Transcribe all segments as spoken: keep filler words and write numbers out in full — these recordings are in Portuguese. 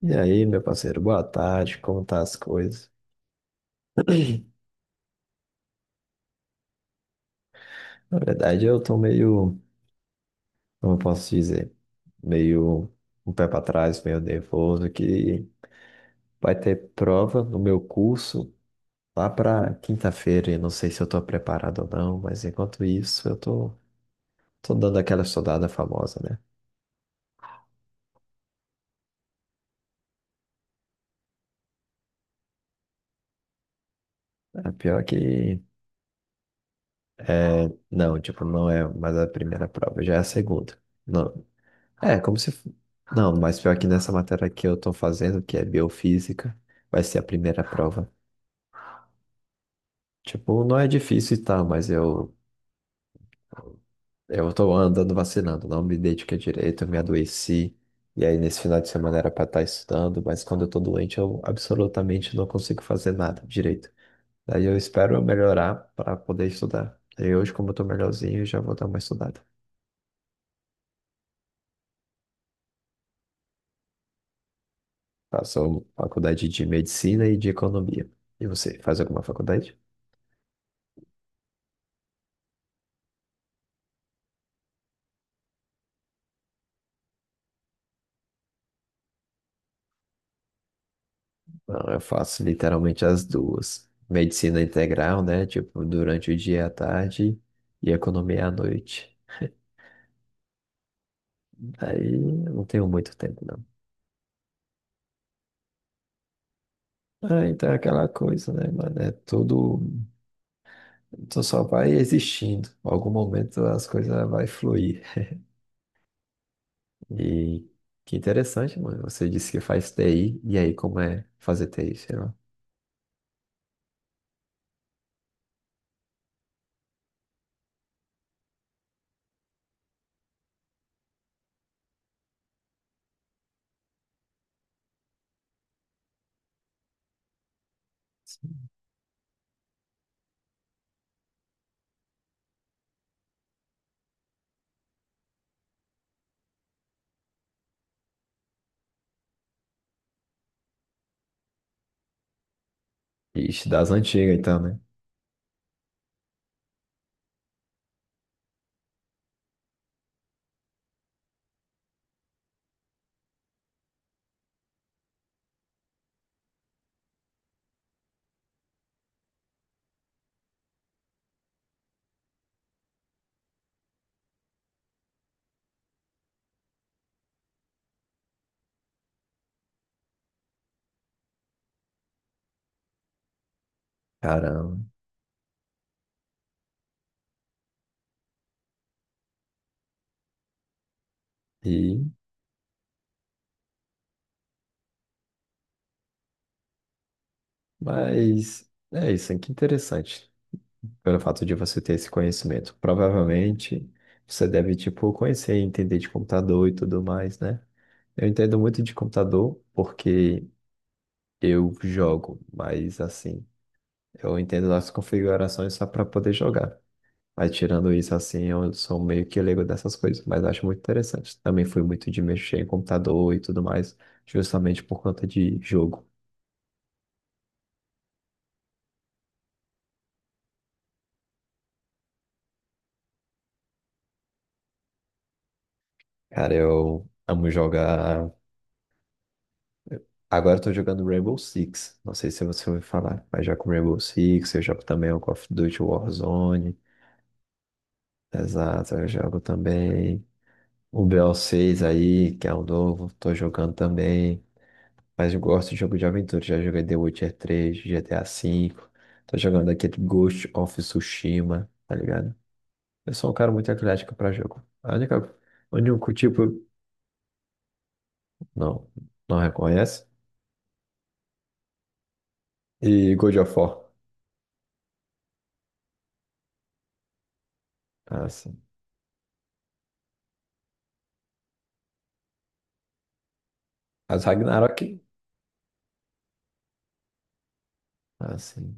E aí, meu parceiro, boa tarde, como tá as coisas? Na verdade, eu tô meio, como eu posso dizer, meio um pé pra trás, meio nervoso, que vai ter prova no meu curso lá pra quinta-feira, e não sei se eu tô preparado ou não, mas enquanto isso, eu tô, tô dando aquela estudada famosa, né? A pior que, é, não, tipo, não é mais a primeira prova, já é a segunda. Não, é, como se. f- Não, mas pior que nessa matéria que eu tô fazendo, que é biofísica, vai ser a primeira prova. Tipo, não é difícil e tal, mas eu, eu tô andando vacinando, não me dediquei direito, eu me adoeci. E aí, nesse final de semana era pra estar estudando, mas quando eu tô doente, eu absolutamente não consigo fazer nada direito. Daí eu espero eu melhorar para poder estudar. E hoje, como eu tô melhorzinho, eu já vou dar uma estudada. Faço faculdade de medicina e de economia. E você, faz alguma faculdade? Não, eu faço literalmente as duas. Medicina integral, né? Tipo, durante o dia e a tarde e economia à noite. Aí eu não tenho muito tempo, não. Ah, então é aquela coisa, né, mano? É tudo. Tu só vai existindo. Em algum momento as coisas vai fluir. E que interessante, mano. Você disse que faz T I. E aí, como é fazer T I, sei lá? Ixi, das antigas, então, né? Caramba. E... mas é isso, hein? Que interessante. Pelo fato de você ter esse conhecimento, provavelmente você deve, tipo, conhecer e entender de computador e tudo mais, né? Eu entendo muito de computador porque eu jogo, mas assim, eu entendo as configurações só para poder jogar. Mas tirando isso, assim, eu sou meio que leigo dessas coisas, mas acho muito interessante. Também fui muito de mexer em computador e tudo mais, justamente por conta de jogo. Cara, eu amo jogar. Agora eu tô jogando Rainbow Six. Não sei se você ouviu falar, mas já com Rainbow Six, eu jogo também o Call of Duty Warzone. Exato, eu jogo também o B O seis aí, que é um novo, tô jogando também. Mas eu gosto de jogo de aventura, já joguei The Witcher três, G T A V. Tô jogando aquele Ghost of Tsushima, tá ligado? Eu sou um cara muito eclético pra jogo. A única, o único tipo, Não, não reconhece. E God of War. Ah, sim. Mas Ragnarok. Assim.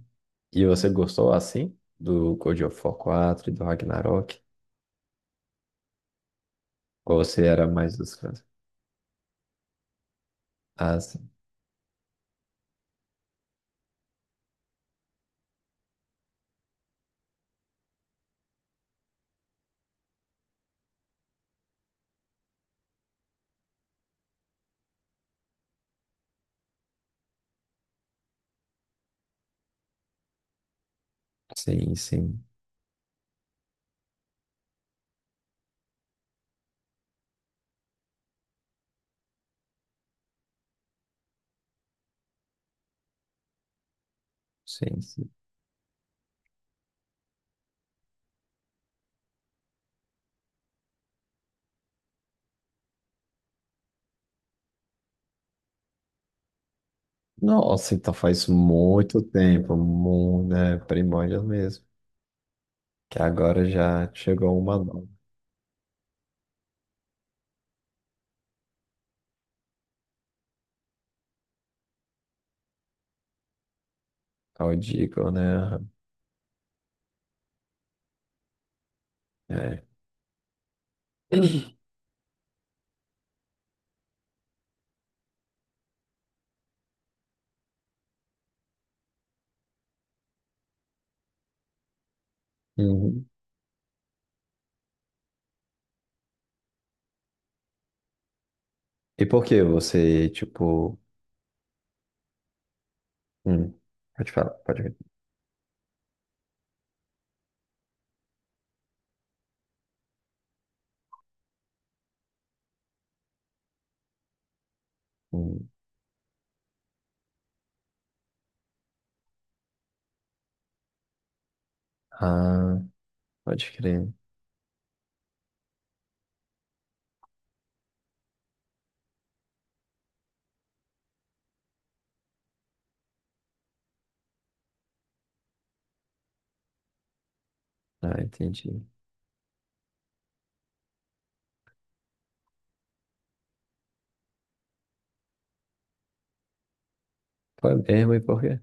E você gostou assim do God of War quatro e do Ragnarok? Ou você era mais dos fãs? Ah, sim, sim, sim, sim. Sim. Nossa, então faz muito tempo, muito, né? Primórdios mesmo. Que agora já chegou uma nova, ao Deagle, né? Aham, é. Uhum. E por que você, tipo. Hum, pode falar, pode. Hum. Ah, pode crer. Ah, entendi. Foi mesmo, e por quê?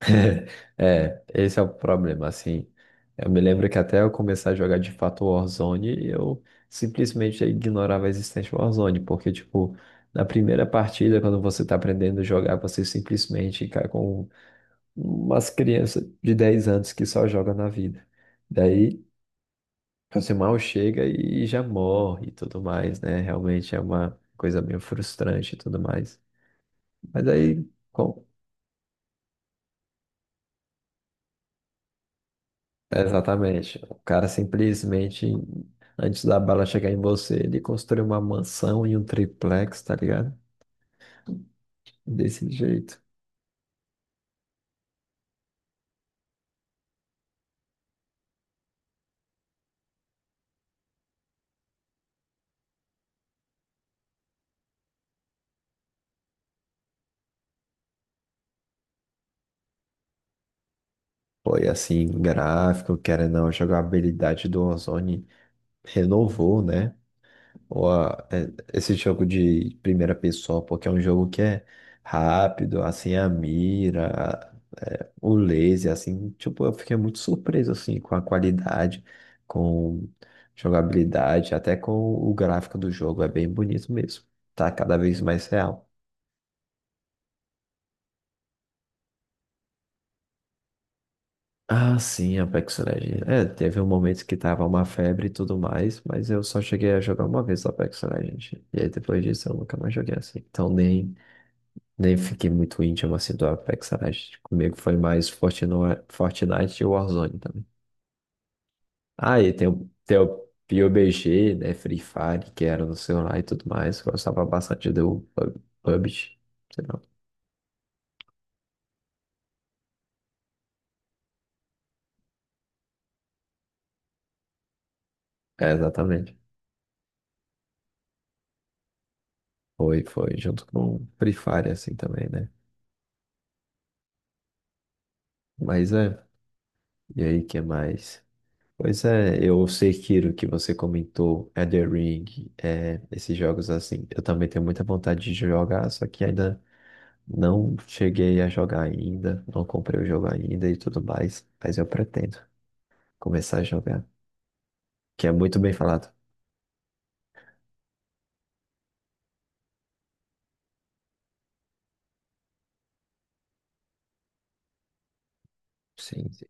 É, esse é o problema, assim. Eu me lembro que até eu começar a jogar de fato Warzone, eu simplesmente ignorava a existência do Warzone, porque, tipo, na primeira partida, quando você tá aprendendo a jogar, você simplesmente cai com umas crianças de dez anos que só jogam na vida. Daí, você mal chega e já morre e tudo mais, né? Realmente é uma coisa meio frustrante e tudo mais. Mas aí. com- Exatamente. O cara simplesmente, antes da bala chegar em você, ele construiu uma mansão e um triplex, tá ligado? Desse jeito. Foi assim, gráfico, querendo ou não, a jogabilidade do Ozone renovou, né? Ou a- é- Esse jogo de primeira pessoa, porque é um jogo que é rápido, assim, a mira, é, o laser, assim, tipo, eu fiquei muito surpreso, assim, com a qualidade, com jogabilidade, até com o gráfico do jogo, é bem bonito mesmo. Tá cada vez mais real. Ah, sim, Apex Legends. É, teve um momento que tava uma febre e tudo mais, mas eu só cheguei a jogar uma vez Apex Legends. E aí depois disso eu nunca mais joguei assim. Então nem Nem fiquei muito íntimo assim do Apex Legends. Comigo foi mais Fortnite, Fortnite e Warzone também. Ah, e tem, o- tem o PUBG, né? Free Fire, que era no celular e tudo mais. Gostava bastante do Pub- PUBG. Sei lá. É, exatamente. Foi, foi. Junto com Free Fire, assim também, né? Mas é. E aí, que mais? Pois é, eu sei, Kiro, que você comentou Elden Ring, é, esses jogos assim. Eu também tenho muita vontade de jogar, só que ainda. Não cheguei a jogar ainda, não comprei o jogo ainda e tudo mais, mas eu pretendo começar a jogar, que é muito bem falado. Sim, sim.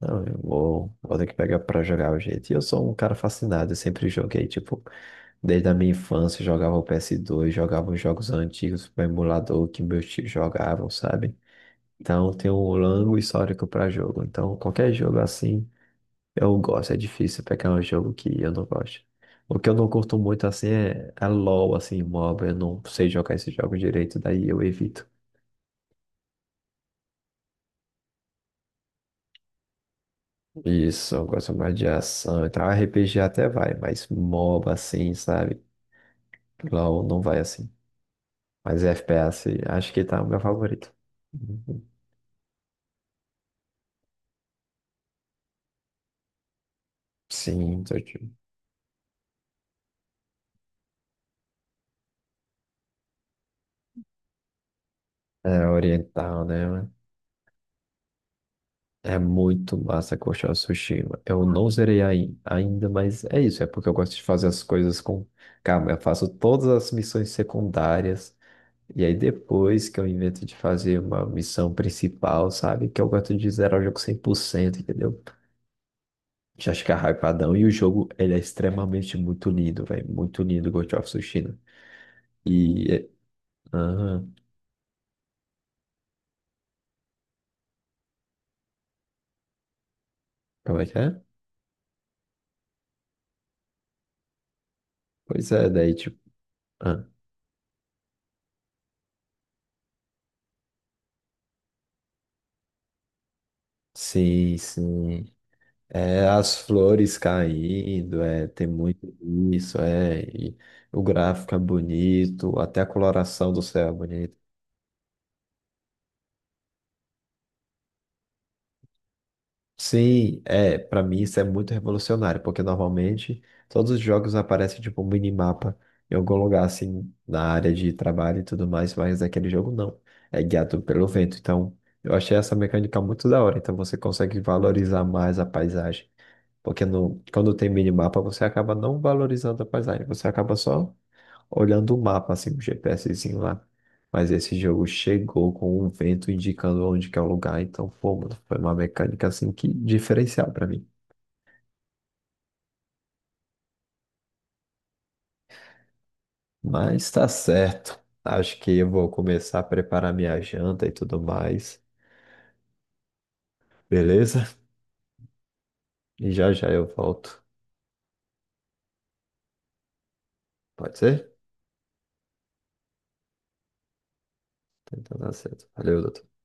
Não, eu vou, vou ter que pegar pra jogar o jeito. E eu sou um cara fascinado, eu sempre joguei, tipo, desde a minha infância, eu jogava o P S dois, jogava os jogos antigos, o emulador que meus tios jogavam, sabe? Então, tem um longo histórico pra jogo. Então, qualquer jogo assim. Eu gosto, é difícil pegar um jogo que eu não gosto. O que eu não curto muito assim é, é LOL, assim, MOBA. Eu não sei jogar esse jogo direito, daí eu evito. Isso, eu gosto mais de ação e tal. R P G até vai, mas MOBA assim, sabe? LOL não vai assim. Mas F P S acho que tá o meu favorito. Uhum. Sim, tô de- É oriental, né? É muito massa Ghost of Tsushima. Eu não zerei ai- ainda, mas é isso. É porque eu gosto de fazer as coisas com calma. Eu faço todas as missões secundárias. E aí depois que eu invento de fazer uma missão principal, sabe? Que eu gosto de zerar o jogo cem por cento, entendeu? Já fica hypadão. E o jogo, ele é extremamente muito lindo, velho. Muito lindo, Ghost of Tsushima. E... é- Ah, como é que é? Pois é, daí tipo... Ah, sim, sim. É as flores caindo, é, tem muito isso, é, e o gráfico é bonito, até a coloração do céu é bonita. Sim, é, para mim isso é muito revolucionário, porque normalmente todos os jogos aparecem tipo um minimapa em algum lugar assim, na área de trabalho e tudo mais, mas aquele jogo não, é guiado pelo vento. Então, eu achei essa mecânica muito da hora, então você consegue valorizar mais a paisagem. Porque no, quando tem minimapa, você acaba não valorizando a paisagem, você acaba só olhando o mapa, assim, o GPSzinho lá. Mas esse jogo chegou com um vento indicando onde que é o lugar, então, pô, mano, foi uma mecânica, assim, que diferencial pra mim. Mas tá certo. Acho que eu vou começar a preparar minha janta e tudo mais, beleza? E já já eu volto. Pode ser? Então tá certo. Valeu, doutor.